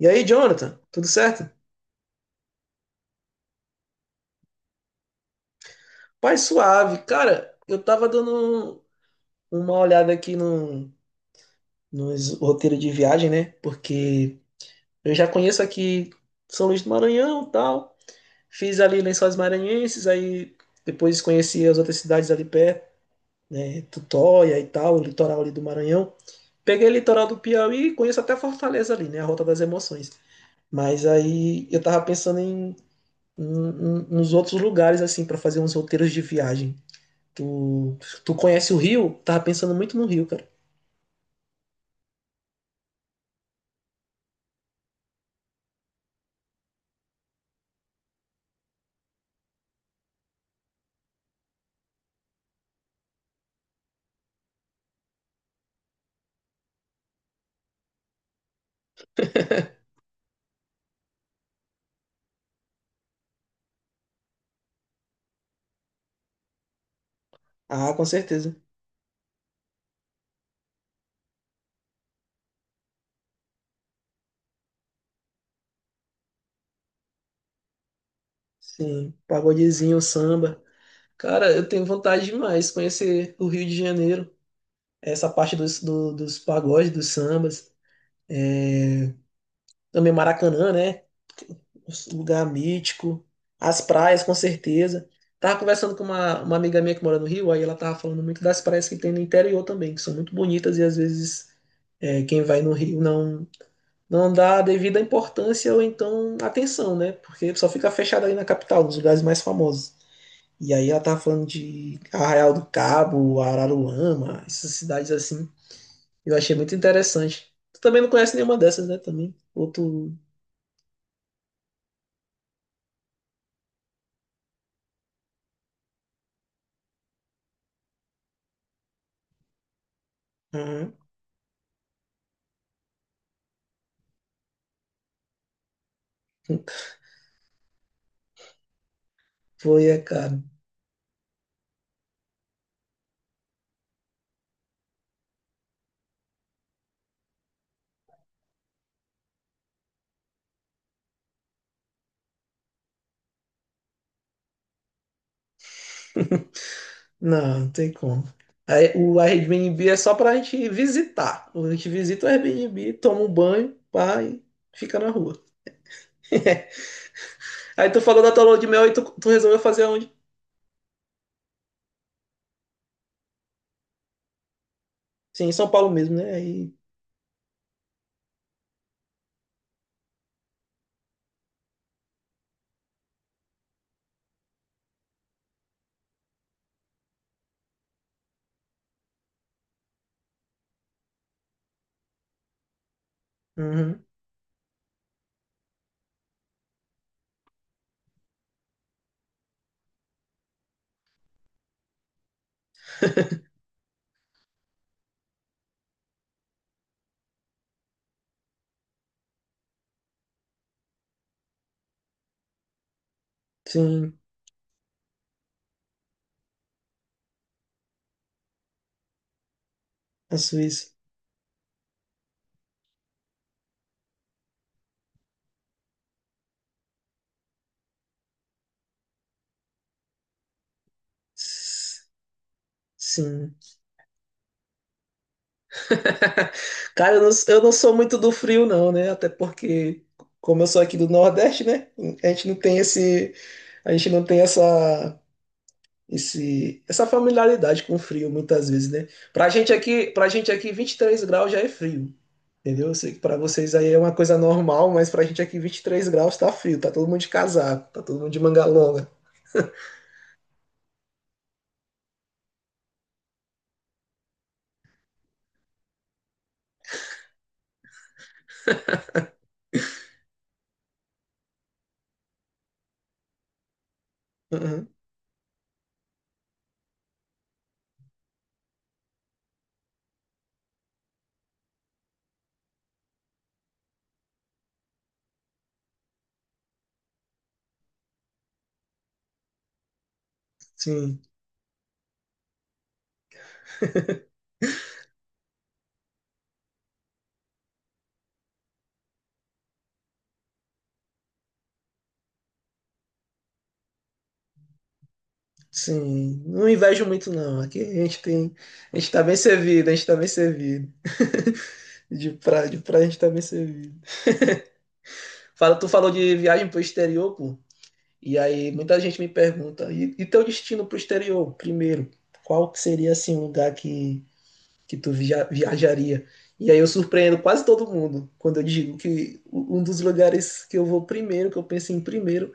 E aí, Jonathan, tudo certo? Pai suave. Cara, eu tava dando uma olhada aqui no, nos roteiros de viagem, né? Porque eu já conheço aqui São Luís do Maranhão e tal. Fiz ali Lençóis Maranhenses, aí depois conheci as outras cidades ali perto, né? Tutóia e tal, o litoral ali do Maranhão. Peguei o litoral do Piauí, conheço até Fortaleza ali, né? A Rota das Emoções. Mas aí eu tava pensando nos outros lugares, assim, para fazer uns roteiros de viagem. Tu, tu conhece o Rio? Tava pensando muito no Rio, cara. Ah, com certeza. Sim, pagodezinho, samba. Cara, eu tenho vontade demais de conhecer o Rio de Janeiro. Essa parte dos pagodes, dos sambas. Também Maracanã, né? Um lugar mítico. As praias, com certeza. Tava conversando com uma amiga minha que mora no Rio, aí ela tava falando muito das praias que tem no interior também, que são muito bonitas e às vezes quem vai no Rio não. Não dá a devida importância ou então atenção, né? Porque só fica fechada ali na capital, nos lugares mais famosos. E aí ela tava falando de Arraial do Cabo, Araruama, essas cidades assim. Eu achei muito interessante. Tu também não conhece nenhuma dessas, né? Também. Outro. Uhum. Foi, é caro. Não, não tem como. Aí, o Airbnb é só pra gente visitar. A gente visita o Airbnb, toma um banho, pá, e fica na rua. Aí tu falou da tua lua de mel e tu resolveu fazer aonde? Sim, em São Paulo mesmo, né? Aí, uhum, sim, a Suíça. S- Sim. Cara, eu não sou muito do frio, não, né? Até porque, como eu sou aqui do Nordeste, né? A gente não tem esse, a gente não tem essa familiaridade com o frio, muitas vezes, né? Pra gente aqui, 23 graus já é frio, entendeu? Eu sei que pra vocês aí é uma coisa normal, mas pra gente aqui, 23 graus tá frio, tá todo mundo de casaco, tá todo mundo de manga longa. Uhum, sim. Sim, não invejo muito não. Aqui a gente tem, a gente tá bem servido, a gente tá bem servido. De pra a gente tá bem servido. Fala, tu falou de viagem pro exterior, pô. E aí muita gente me pergunta, e teu destino pro exterior, primeiro? Qual que seria assim um lugar que tu viajaria? E aí eu surpreendo quase todo mundo quando eu digo que um dos lugares que eu vou primeiro, que eu penso em primeiro,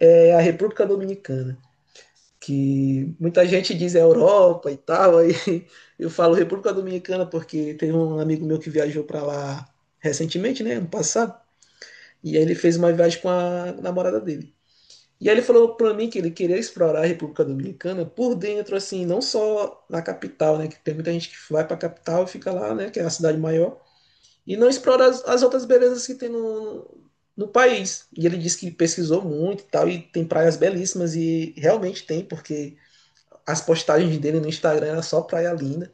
é a República Dominicana. Que muita gente diz é Europa e tal, aí eu falo República Dominicana porque teve um amigo meu que viajou para lá recentemente, né, ano passado, e aí ele fez uma viagem com a namorada dele. E aí ele falou para mim que ele queria explorar a República Dominicana por dentro, assim, não só na capital, né, que tem muita gente que vai para a capital e fica lá, né, que é a cidade maior, e não explora as outras belezas que tem no país. E ele disse que pesquisou muito e tal, e tem praias belíssimas, e realmente tem, porque as postagens dele no Instagram era só praia linda.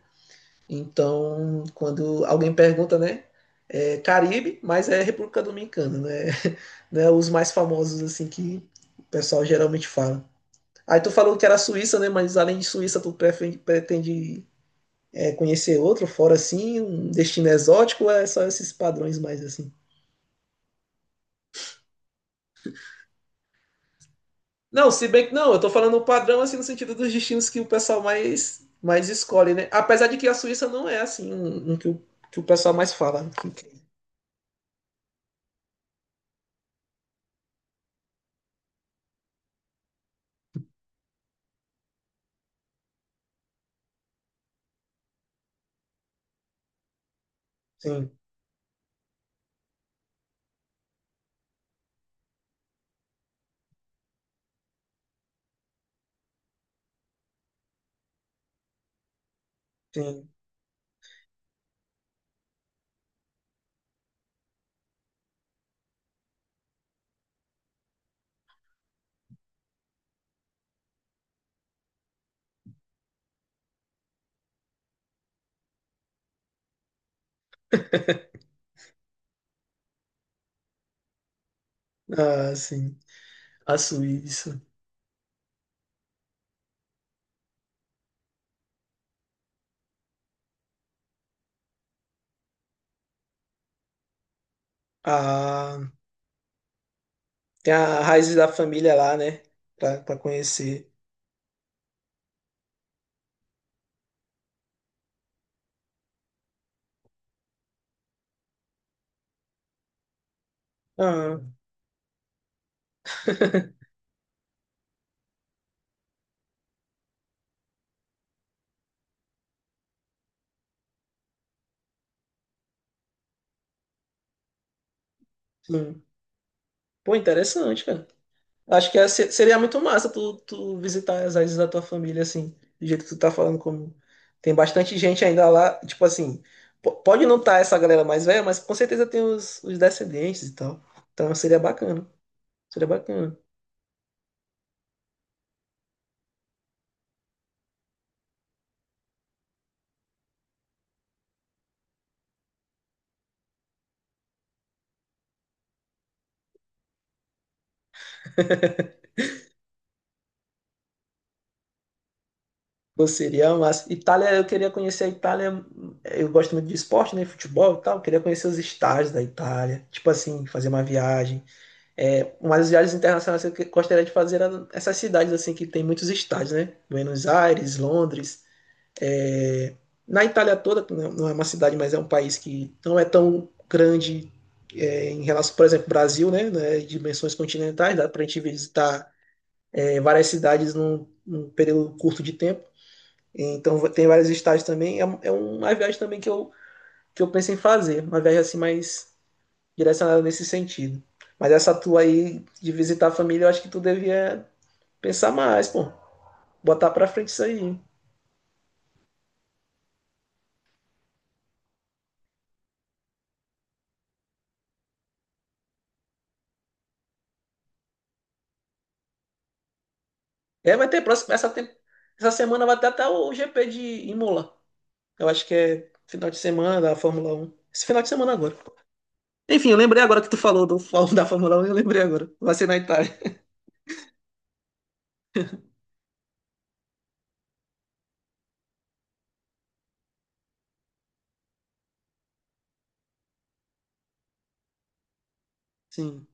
Então, quando alguém pergunta, né? É Caribe, mas é República Dominicana, né? Né? Os mais famosos, assim, que o pessoal geralmente fala. Aí tu falou que era Suíça, né? Mas além de Suíça, tu pretende conhecer outro fora assim, um destino exótico, ou é só esses padrões mais assim? Não, se bem que não, eu tô falando padrão assim no sentido dos destinos que o pessoal mais escolhe, né? Apesar de que a Suíça não é assim um que o pessoal mais fala, sim, sim. Ah, sim. A Suíça. Ah, tem a raiz da família lá, né? Pra conhecer. Ah, sim. Pô, interessante, cara. Acho que seria muito massa tu visitar as raízes da tua família, assim, do jeito que tu tá falando, como tem bastante gente ainda lá, tipo assim, pode não estar essa galera mais velha, mas com certeza tem os descendentes e tal. Então seria bacana, seria bacana. Pô, seria massa. Itália, eu queria conhecer a Itália. Eu gosto muito de esporte, né? Futebol e tal. Eu queria conhecer os estádios da Itália. Tipo assim, fazer uma viagem. É, uma das viagens internacionais que eu gostaria de fazer era essas cidades assim que tem muitos estádios, né? Buenos Aires, Londres. é, Na Itália toda, que não é uma cidade, mas é um país que não é tão grande em relação, por exemplo, ao Brasil, né? Né, dimensões continentais, dá para a gente visitar várias cidades num período curto de tempo. Então tem vários estágios também. É uma viagem também que eu penso em fazer. Uma viagem assim mais direcionada nesse sentido. Mas essa tua aí de visitar a família, eu acho que tu devia pensar mais, pô. Botar pra frente isso aí. É, vai ter próximo. Essa semana vai ter até o GP de Imola. Eu acho que é final de semana da Fórmula 1. Esse final de semana agora. Enfim, eu lembrei agora que tu falou do, da Fórmula 1 eu lembrei agora. Vai ser na Itália. Sim.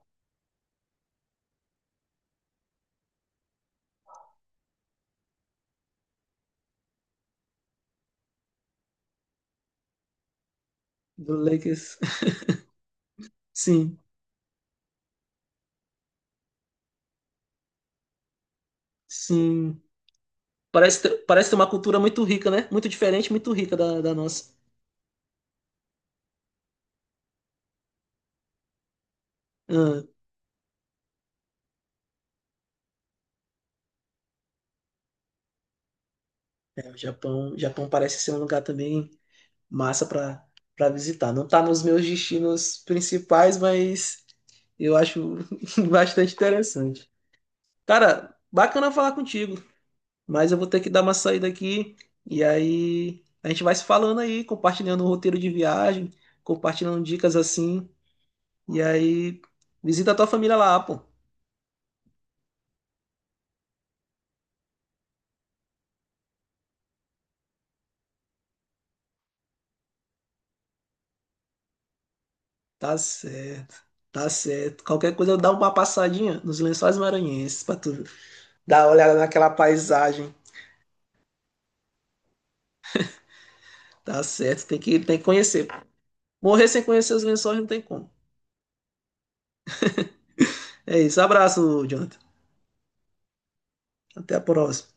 Do Lakers. Sim. Sim. Parece ter uma cultura muito rica, né? Muito diferente, muito rica da nossa. Ah, o Japão parece ser um lugar também massa para visitar. Não tá nos meus destinos principais, mas eu acho bastante interessante. Cara, bacana falar contigo, mas eu vou ter que dar uma saída aqui e aí a gente vai se falando aí, compartilhando o roteiro de viagem, compartilhando dicas assim, e aí visita a tua família lá, pô. Tá certo, tá certo. Qualquer coisa eu dou uma passadinha nos Lençóis Maranhenses pra tu dar uma olhada naquela paisagem. Tá certo, tem que conhecer. Morrer sem conhecer os Lençóis não tem como. É isso, abraço, Jonathan. Até a próxima.